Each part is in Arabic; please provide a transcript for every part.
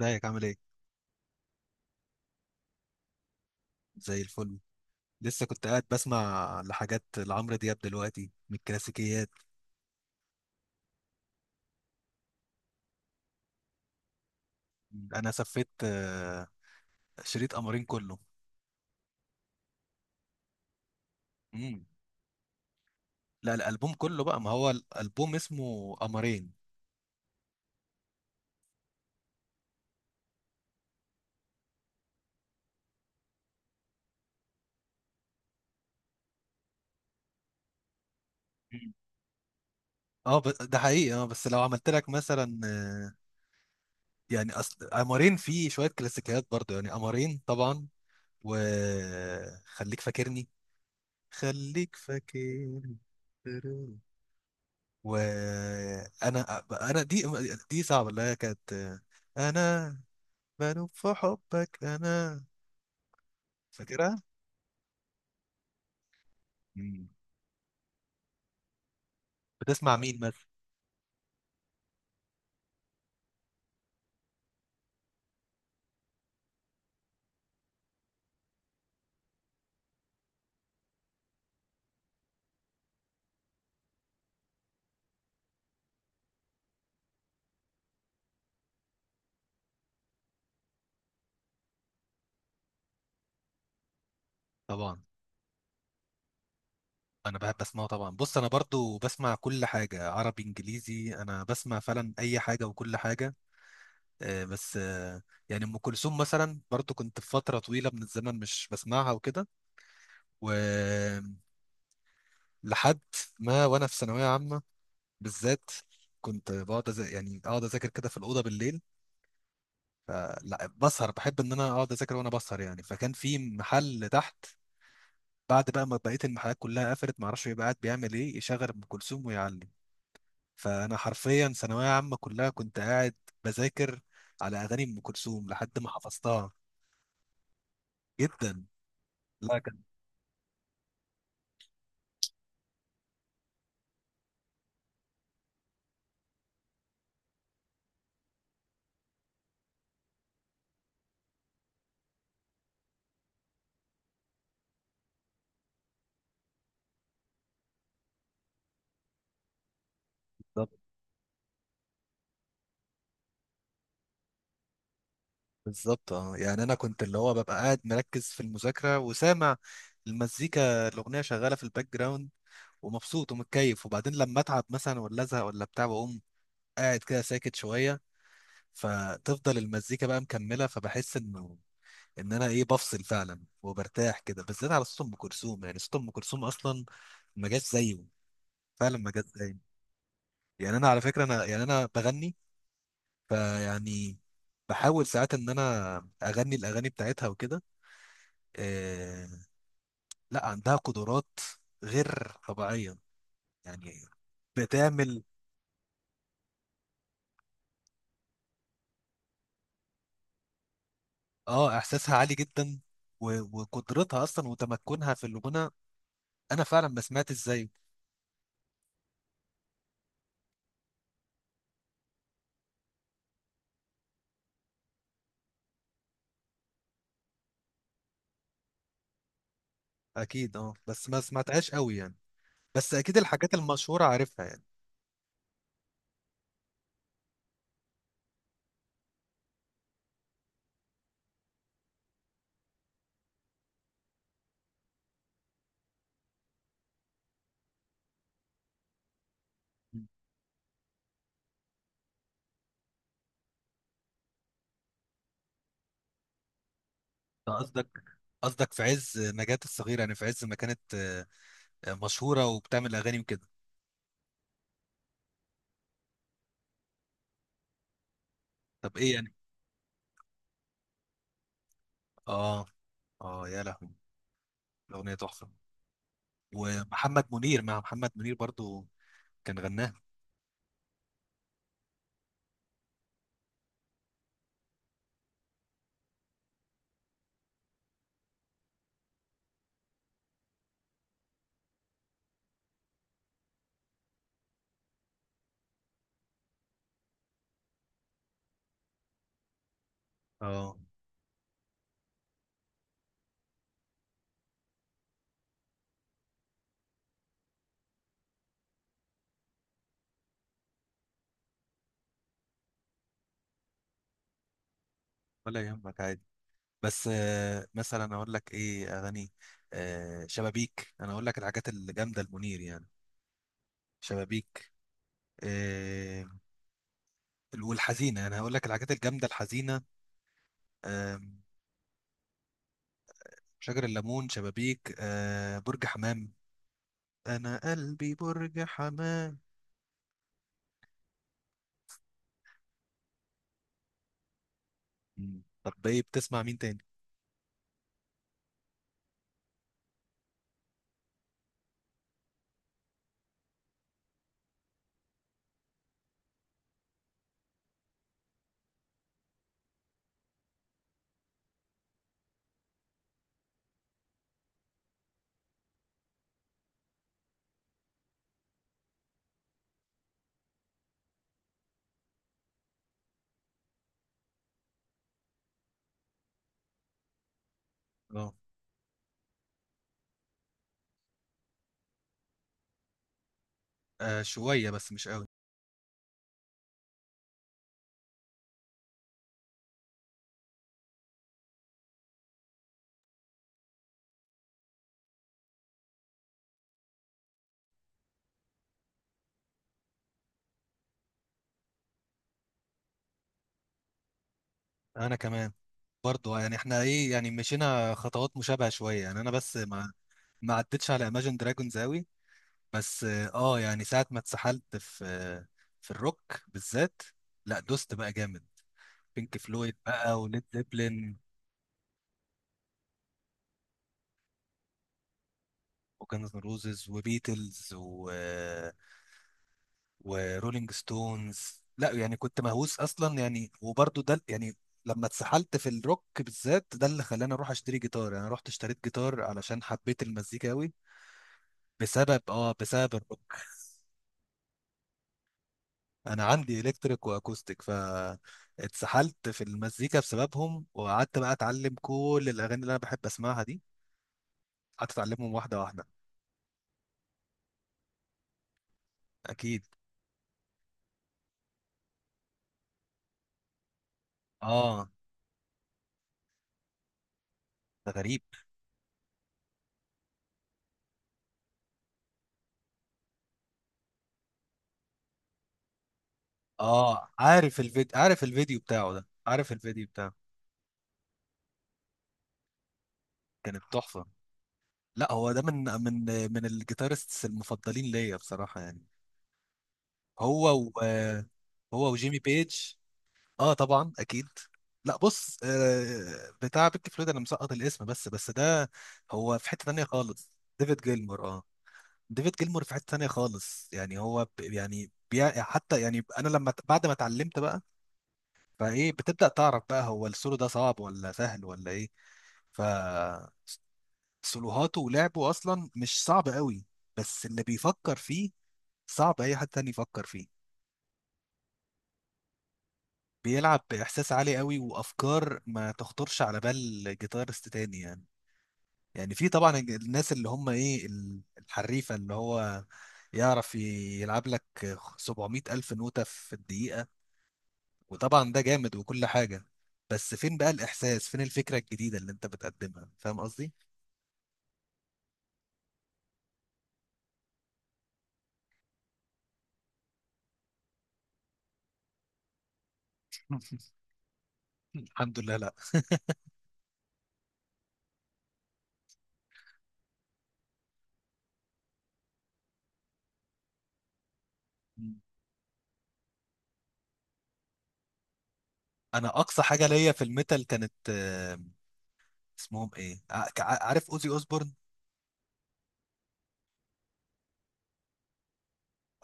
ازيك عامل ايه؟ زي الفل. لسه كنت قاعد بسمع لحاجات لعمرو دياب دلوقتي من الكلاسيكيات. انا سفيت، شريط قمرين كله. مم. لا، الالبوم كله بقى، ما هو الالبوم اسمه قمرين. مم. اه، ده حقيقي. اه، بس لو عملت لك مثلا، يعني اصل قمرين فيه شوية كلاسيكيات برضه، يعني قمرين طبعا. وخليك فاكرني، خليك فاكرني. وانا دي، دي صعبه، اللي هي كانت، انا بنوب في حبك انا. فاكرها. مم. بتسمع مين مثلا؟ طبعا انا بحب اسمعه طبعا. بص، انا برضو بسمع كل حاجه، عربي انجليزي، انا بسمع فعلا اي حاجه وكل حاجه. بس يعني ام كلثوم مثلا، برضو كنت في فتره طويله من الزمن مش بسمعها وكده. ولحد ما وانا في ثانويه عامه بالذات، كنت بقعد يعني اقعد اذاكر كده في الاوضه بالليل. فلا بسهر، بحب ان انا اقعد اذاكر وانا بسهر. يعني فكان في محل تحت، بعد بقى ما بقيه المحلات كلها قفلت، ما اعرفش بيبقى قاعد بيعمل ايه، يشغل ام كلثوم ويعلم. فانا حرفيا ثانويه عامه كلها كنت قاعد بذاكر على اغاني ام كلثوم لحد ما حفظتها. جدا. لا، كان بالظبط. بالظبط، اه. يعني انا كنت اللي هو ببقى قاعد مركز في المذاكره، وسامع المزيكا الاغنيه شغاله في الباك جراوند، ومبسوط ومتكيف. وبعدين لما اتعب مثلا، ولا ازهق ولا بتاع، واقوم قاعد كده ساكت شويه، فتفضل المزيكا بقى مكمله، فبحس انه ان انا ايه، بفصل فعلا وبرتاح كده، بالذات على صوت ام كلثوم. يعني صوت ام كلثوم اصلا ما جاش زيه، فعلا ما جاش زيه. يعني انا على فكره، انا يعني انا بغني، فيعني بحاول ساعات ان انا اغني الاغاني بتاعتها وكده. إيه. لا، عندها قدرات غير طبيعيه، يعني بتعمل. اه، احساسها عالي جدا، وقدرتها اصلا وتمكنها في الغنى. انا فعلا ما سمعتش زيه. اكيد اه، بس ما سمعتهاش قوي يعني. بس اكيد الحاجات المشهوره عارفها يعني. أنت قصدك في عز نجاة الصغيره، يعني في عز ما كانت، مشهوره وبتعمل اغاني وكده. طب ايه يعني؟ اه. اه يا لهوي، الاغنيه تحفه. ومحمد منير مع محمد منير برضو كان غناها. اه. ولا يهمك، عادي. بس، مثلا اقول لك ايه، اغاني شبابيك، انا اقول لك الحاجات الجامده المنير يعني، شبابيك، آه، والحزينه. انا هقول لك الحاجات الجامده الحزينه: آم، شجر الليمون، شبابيك، برج حمام، انا قلبي برج حمام. مم. طب ايه، بتسمع مين تاني؟ اه، شويه بس مش قوي. انا كمان برضو، يعني احنا ايه، يعني مشينا خطوات مشابهه شويه. يعني انا بس ما عدتش على Imagine Dragons قوي. بس اه، يعني ساعه ما اتسحلت في، في الروك بالذات، لا دوست بقى جامد. بينك فلويد بقى، وليد زيبلين، وكانز روزز، وبيتلز، ورولينج ستونز. لا يعني كنت مهووس اصلا يعني، وبرضه ده يعني. لما اتسحلت في الروك بالذات، ده اللي خلاني اروح اشتري جيتار. يعني انا رحت اشتريت جيتار علشان حبيت المزيكا قوي، بسبب الروك. انا عندي الكتريك واكوستيك، ف اتسحلت في المزيكا بسببهم، وقعدت بقى اتعلم كل الاغاني اللي انا بحب اسمعها دي، قعدت اتعلمهم واحده واحده. اكيد. اه، ده غريب. اه، عارف الفيديو بتاعه، ده عارف الفيديو بتاعه. كانت تحفه. لا، هو ده من الجيتارستس المفضلين ليا بصراحة يعني. هو و هو وجيمي بيج. اه طبعا اكيد. لا، بص، بتاع بيك فلويد انا مسقط الاسم، بس ده هو في حتة تانية خالص. ديفيد جيلمور، اه. ديفيد جيلمور في حتة تانية خالص. يعني هو يعني حتى، يعني انا لما بعد ما اتعلمت بقى، فايه بتبدأ تعرف بقى هو السولو ده صعب ولا سهل ولا ايه. فسولوهاته ولعبه اصلا مش صعب قوي، بس اللي بيفكر فيه صعب اي حد تاني يفكر فيه. بيلعب باحساس عالي قوي، وافكار ما تخطرش على بال جيتارست تاني يعني. يعني في طبعا الناس اللي هم ايه، الحريفه، اللي هو يعرف يلعب لك 700 الف نوته في الدقيقه، وطبعا ده جامد وكل حاجه. بس فين بقى الاحساس، فين الفكره الجديده اللي انت بتقدمها؟ فاهم قصدي؟ الحمد لله، لا. انا اقصى حاجه ليا في الميتال كانت، اسمهم ايه، عارف، اوزي اوزبورن.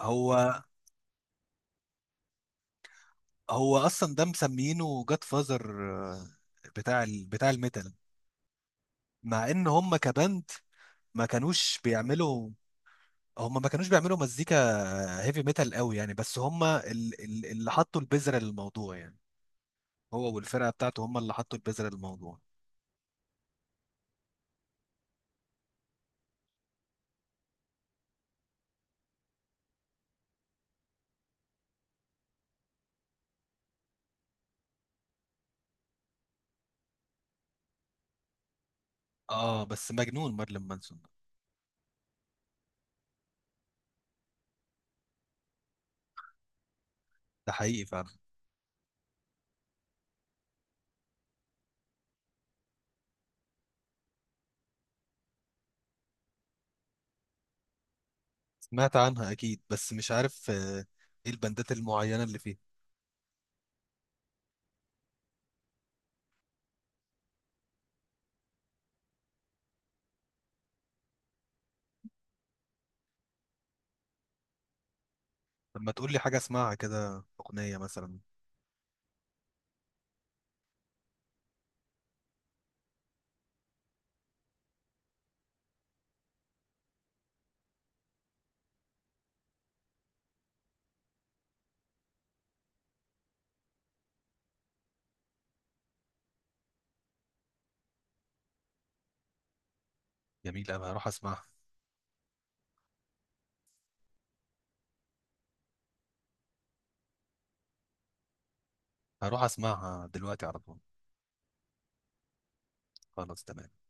هو هو اصلا ده مسمينه جاد فازر، بتاع الميتال. مع ان هم كباند ما كانوش بيعملوا، هم ما كانوش بيعملوا مزيكا هيفي ميتال قوي يعني. بس هم اللي حطوا البذرة للموضوع يعني. هو والفرقة بتاعته هم اللي حطوا البذرة للموضوع. اه، بس مجنون مارلين مانسون ده. ده حقيقي فعلا. سمعت عنها اكيد، بس مش عارف ايه البندات المعينة اللي فيه. لما تقول لي حاجة اسمعها كده، اغنية مثلا. جميلة أوي، هروح اسمعها. هروح اسمعها دلوقتي على طول. خلاص، تمام.